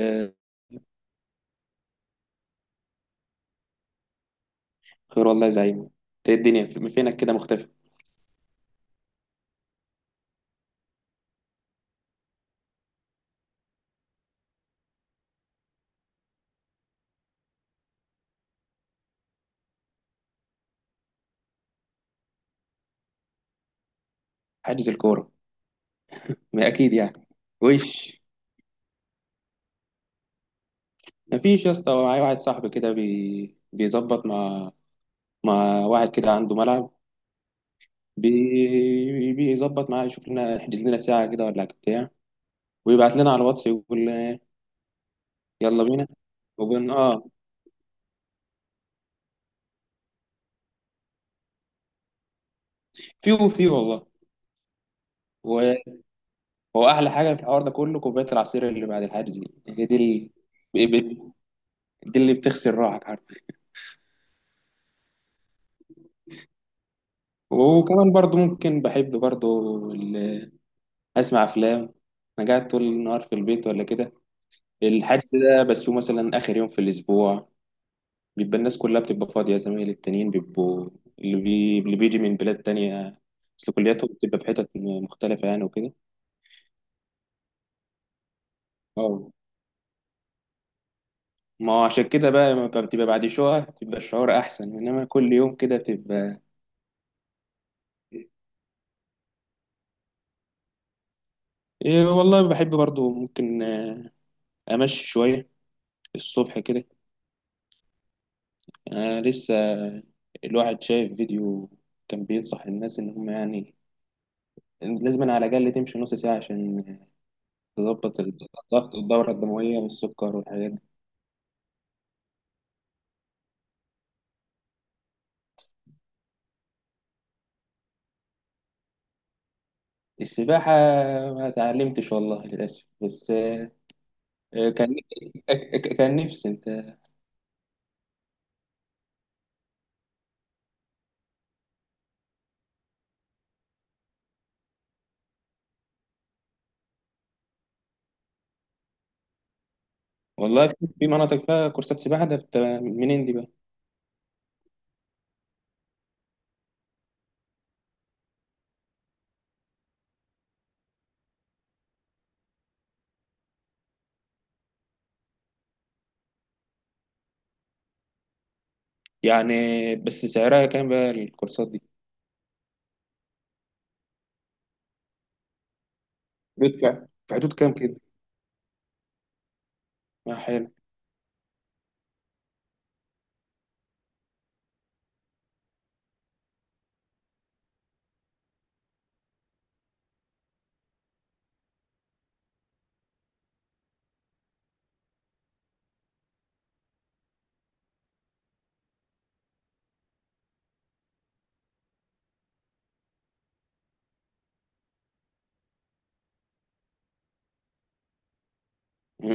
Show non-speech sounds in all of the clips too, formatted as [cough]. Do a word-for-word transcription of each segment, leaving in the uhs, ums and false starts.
آه، خير والله يا زعيم، انت ايه الدنيا، في- فينك كده مختفي؟ حاجز الكوره، ما اكيد يعني. وش؟ مفيش يا اسطى. معايا واحد صاحبي كده بي... بيظبط مع مع واحد كده عنده ملعب، بي... بيظبط معاه، يشوف لنا يحجز لنا ساعه كده ولا بتاع، ويبعت لنا على الواتس يقول آه، يلا بينا. وبن اه في وفي والله. و- هو احلى حاجه في الحوار ده كله كوبايه العصير اللي بعد الحجز دي، هي دي. ال... دي اللي بتغسل روحك، عارف؟ وكمان برضو ممكن، بحب برضو اسمع افلام. انا قاعد طول النهار في البيت ولا كده. الحجز ده بس هو مثلا اخر يوم في الاسبوع، بيبقى الناس كلها بتبقى فاضيه، زمايلي التانيين بيبقوا اللي, بي... اللي بيجي من بلاد تانية، اصل كلياتهم بتبقى في حتت مختلفه يعني وكده. اه، ما هو عشان كده بقى ما بتبقى بعد شويه بتبقى الشعور احسن، انما كل يوم كده بتبقى. إيه والله بحب برضو ممكن آه، امشي شويه الصبح كده. يعني انا لسه الواحد شايف فيديو كان بينصح الناس ان هم يعني لازم على الأقل تمشي نص ساعة عشان تظبط الضغط والدورة الدموية والسكر والحاجات دي. السباحة ما اتعلمتش والله للأسف، بس آه، كان ك- كان نفسي أنت والله. في في مناطق فيها كورسات سباحة، ده بت- منين دي بقى يعني؟ بس سعرها كام بقى الكورسات دي؟ بيدفع في حدود كام كده؟ آه، حلو.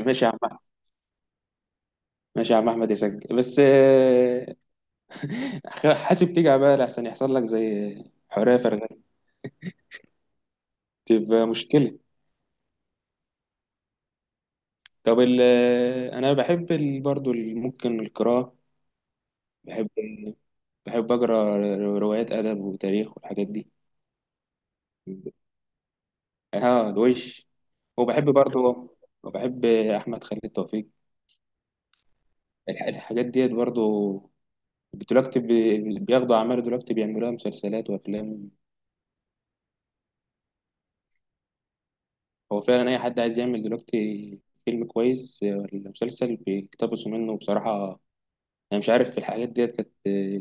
ماشي يا عم أحمد. ماشي يا عم أحمد، يسجل بس آه، [laughs] حاسب تيجي بقى، لأحسن يحصل لك زي حرية فرغلي، تبقى مشكلة. طب ال انا بحب ال- برضو ال- ممكن القراءة. بحب ال- بحب اقرا روايات، ادب وتاريخ والحاجات دي. اه الوش. وبحب برضو، وبحب احمد خالد توفيق. الح- الحاجات ديت برضو دلوقتي بي- بياخدوا اعمال، دلوقتي بيعملوها مسلسلات وافلام. هو فعلا اي حد عايز يعمل دلوقتي فيلم كويس ولا مسلسل بيقتبسوا منه بصراحة. انا مش عارف الحاجات ديت كانت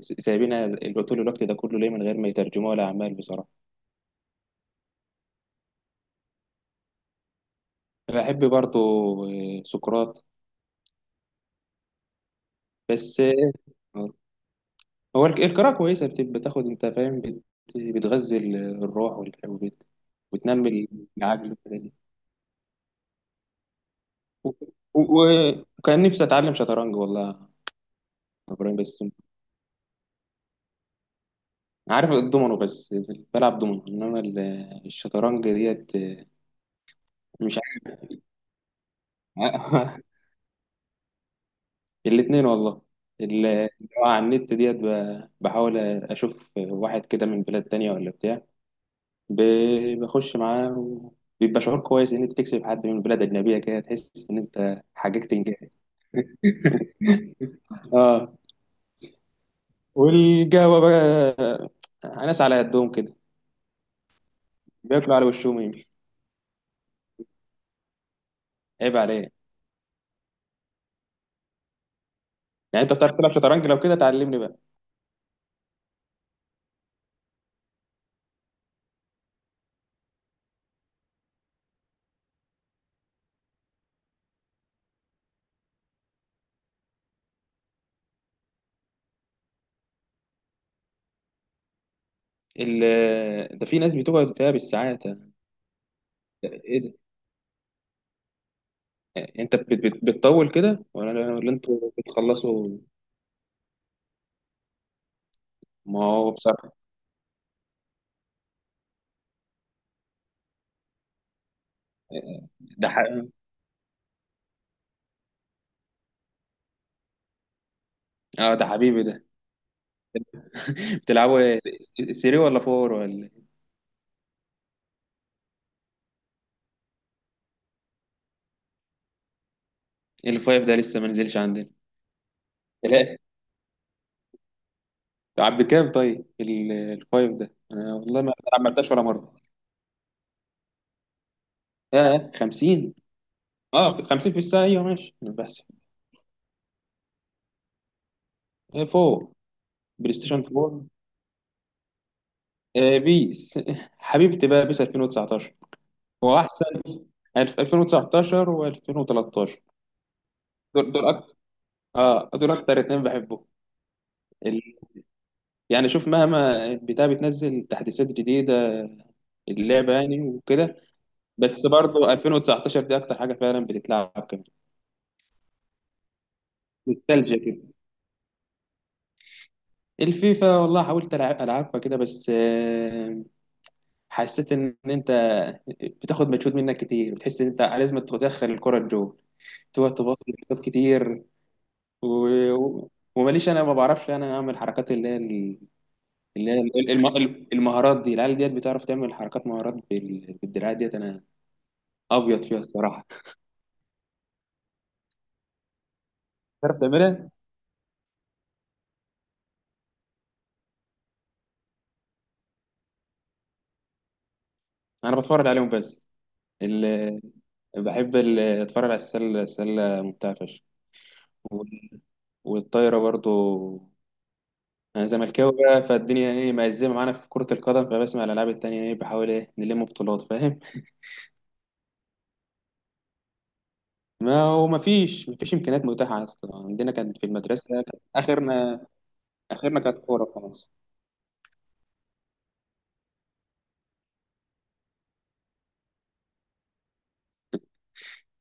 سايبينها ال- طول الوقت ده كله ليه من غير ما يترجموها لاعمال بصراحة. بحب برضو آه، سقراط. بس آه، هو الك- القراءة كويسة، بتبقى تاخد انت فاهم بت- بتغذي ال- الروح والح- وبت- وتنمي العقل والحاجات دي. و- و- وكان نفسي اتعلم شطرنج والله يا ابراهيم. بس عارف الدومينو، بس بلعب دومينو، انما ال- الشطرنج ديت، مش عارف. [laughs] الاثنين والله. ال- اللي هو على النت ديت، ب- بحاول اشوف واحد كده من بلاد تانية ولا بتاع، ب- بخش معاه، وبيبقى شعور كويس ان انت تكسب حد من بلد اجنبيه كده، تحس ان انت حققت انجاز. اه، والقهوه بقى ناس على قدهم كده بياكلوا على وشهم يمشي. عيب عليه. يعني انت بتعرف تلعب شطرنج؟ لو كده تعلمني بقى. ال... ده في ناس بتقعد فيها بالساعات ده. ايه ده، انت بت... بت... بتطول كده ولا ولا انتوا بتخلصوا؟ ما هو بصراحه ده ح... اه ده حبيبي ده. [laughs] بتلعبوا ايه؟ تلاتة ولا اربعة ولا إيه؟ الفايف ده لسه ما نزلش عندنا. لا. طب بكام طيب ال- الفايف ده؟ انا والله ما ما عملتهاش ولا مره. ياه، خمسين؟ اه، في- خمسين في الساعه، ايوه ماشي انا بحسب. آه، اربعة، بلاي ستيشن اربعة. آه، بيس، [laughs] حبيبتي بقى، بيس الفين وتسعة عشر هو احسن، الفين وتسعتاشر و2013. دول دول اكتر. اه دول اكتر، اتنين بحبهم. ال- يعني شوف، مهما البتاع بتنزل تحديثات جديده اللعبه يعني وكده، بس برضه الفين وتسعتاشر دي اكتر حاجه فعلا بتتلعب كمان. نوستالجيا كده. الفيفا والله حاولت ألعب ألعبها كده، بس آه، حسيت إن أنت بتاخد مجهود منك كتير، بتحس إن أنت لازم تدخل الكرة الجول، تقعد تباصي باصات كتير. و... و- وماليش، أنا ما بعرفش أنا أعمل حركات اللي هي ال- اللي هي ال- الم- المهارات دي. العيال ديت بتعرف تعمل حركات مهارات بال- بالدراع ديت، أنا أبيض فيها الصراحة. تعرف تعملها؟ أنا بتفرج عليهم بس. ال... بحب ال... أتفرج على السلة، السلة ممتعة فشخ، وال- والطايرة برضو. انا زملكاوي بقى، فالدنيا ايه مأزمه معانا في كره القدم، فبسمع الالعاب التانيه ايه، بحاول ايه نلم بطولات، فاهم؟ ما هو ما فيش ما فيش امكانيات متاحه اصلا عندنا. كانت في المدرسه كانت اخرنا، اخرنا كانت كوره خلاص.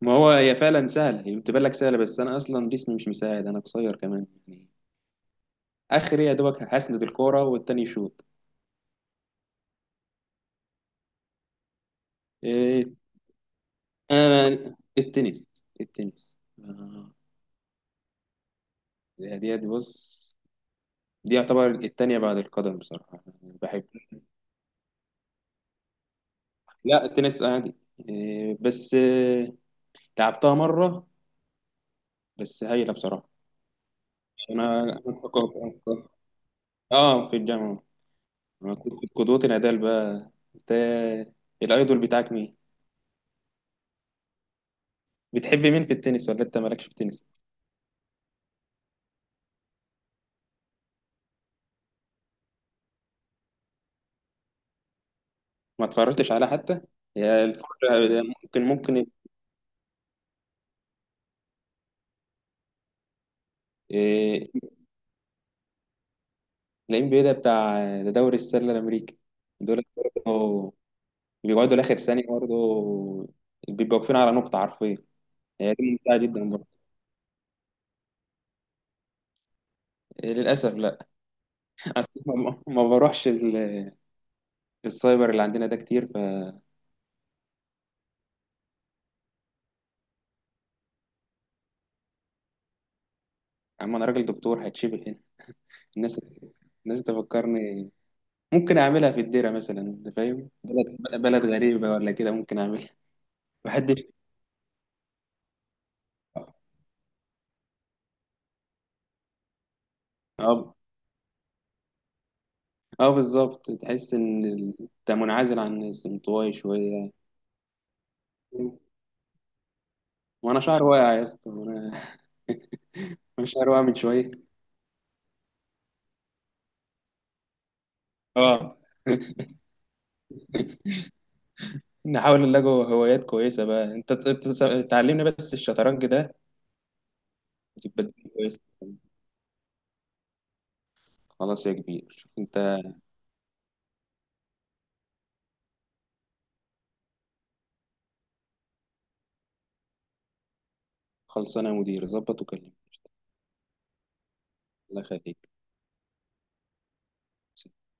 ما هو هي فعلا سهله، هي بتبان لك سهله، بس انا اصلا جسمي مش مساعد، انا قصير كمان يعني. اخري يا دوبك هسند الكوره والتاني يشوط. إيه، انا التنس، التنس آه، دي دي بص، دي يعتبر التانية بعد القدم بصراحة يعني، بحب. لا التنس عادي. إيه، بس إيه، لعبتها مرة، بس هايلة بصراحة. أنا أنا كنت- كنت- آه في الجامعة. أنا كنت كنت قدوتي نادال بقى. أنت الأيدول بتاعك مين؟ بتحب مين في التنس ولا أنت مالكش في التنس؟ ما اتفرجتش عليها حتى؟ هي الفرجة ممكن ممكن. إيه، ال ان بي ايه ده بتاع، ده دوري السلة الأمريكي. دول برضه بيقعدوا لآخر ثانية برضه، بيبقوا واقفين على نقطة حرفيا. هي دي ممتعة جدا برضه. للأسف لا. أصل ما ما بروحش ال- السايبر اللي عندنا ده كتير. فأما أنا راجل دكتور هتشبه هنا الناس، الناس تفكرني. ممكن أعملها في الديرة مثلا، أنت فاهم، بلد بلد غريبة ولا كده، ممكن أعملها. محدش. أه، أه بالظبط، تحس إن ال- أنت منعزل عن الناس، انطوائي شوية. وأنا شعر واقع يا اسطى، وأنا [laughs] وأنا شعر واقع من شوية. أه. [laughs] نحاول نلاقي هوايات كويسة بقى، أنت ت- ت- تعلمني بس الشطرنج ده، وتبقى الدنيا كويسة. خلاص يا كبير، شوف أنت. خلصانه يا مدير، ظبط وكلمني. الله يخليك.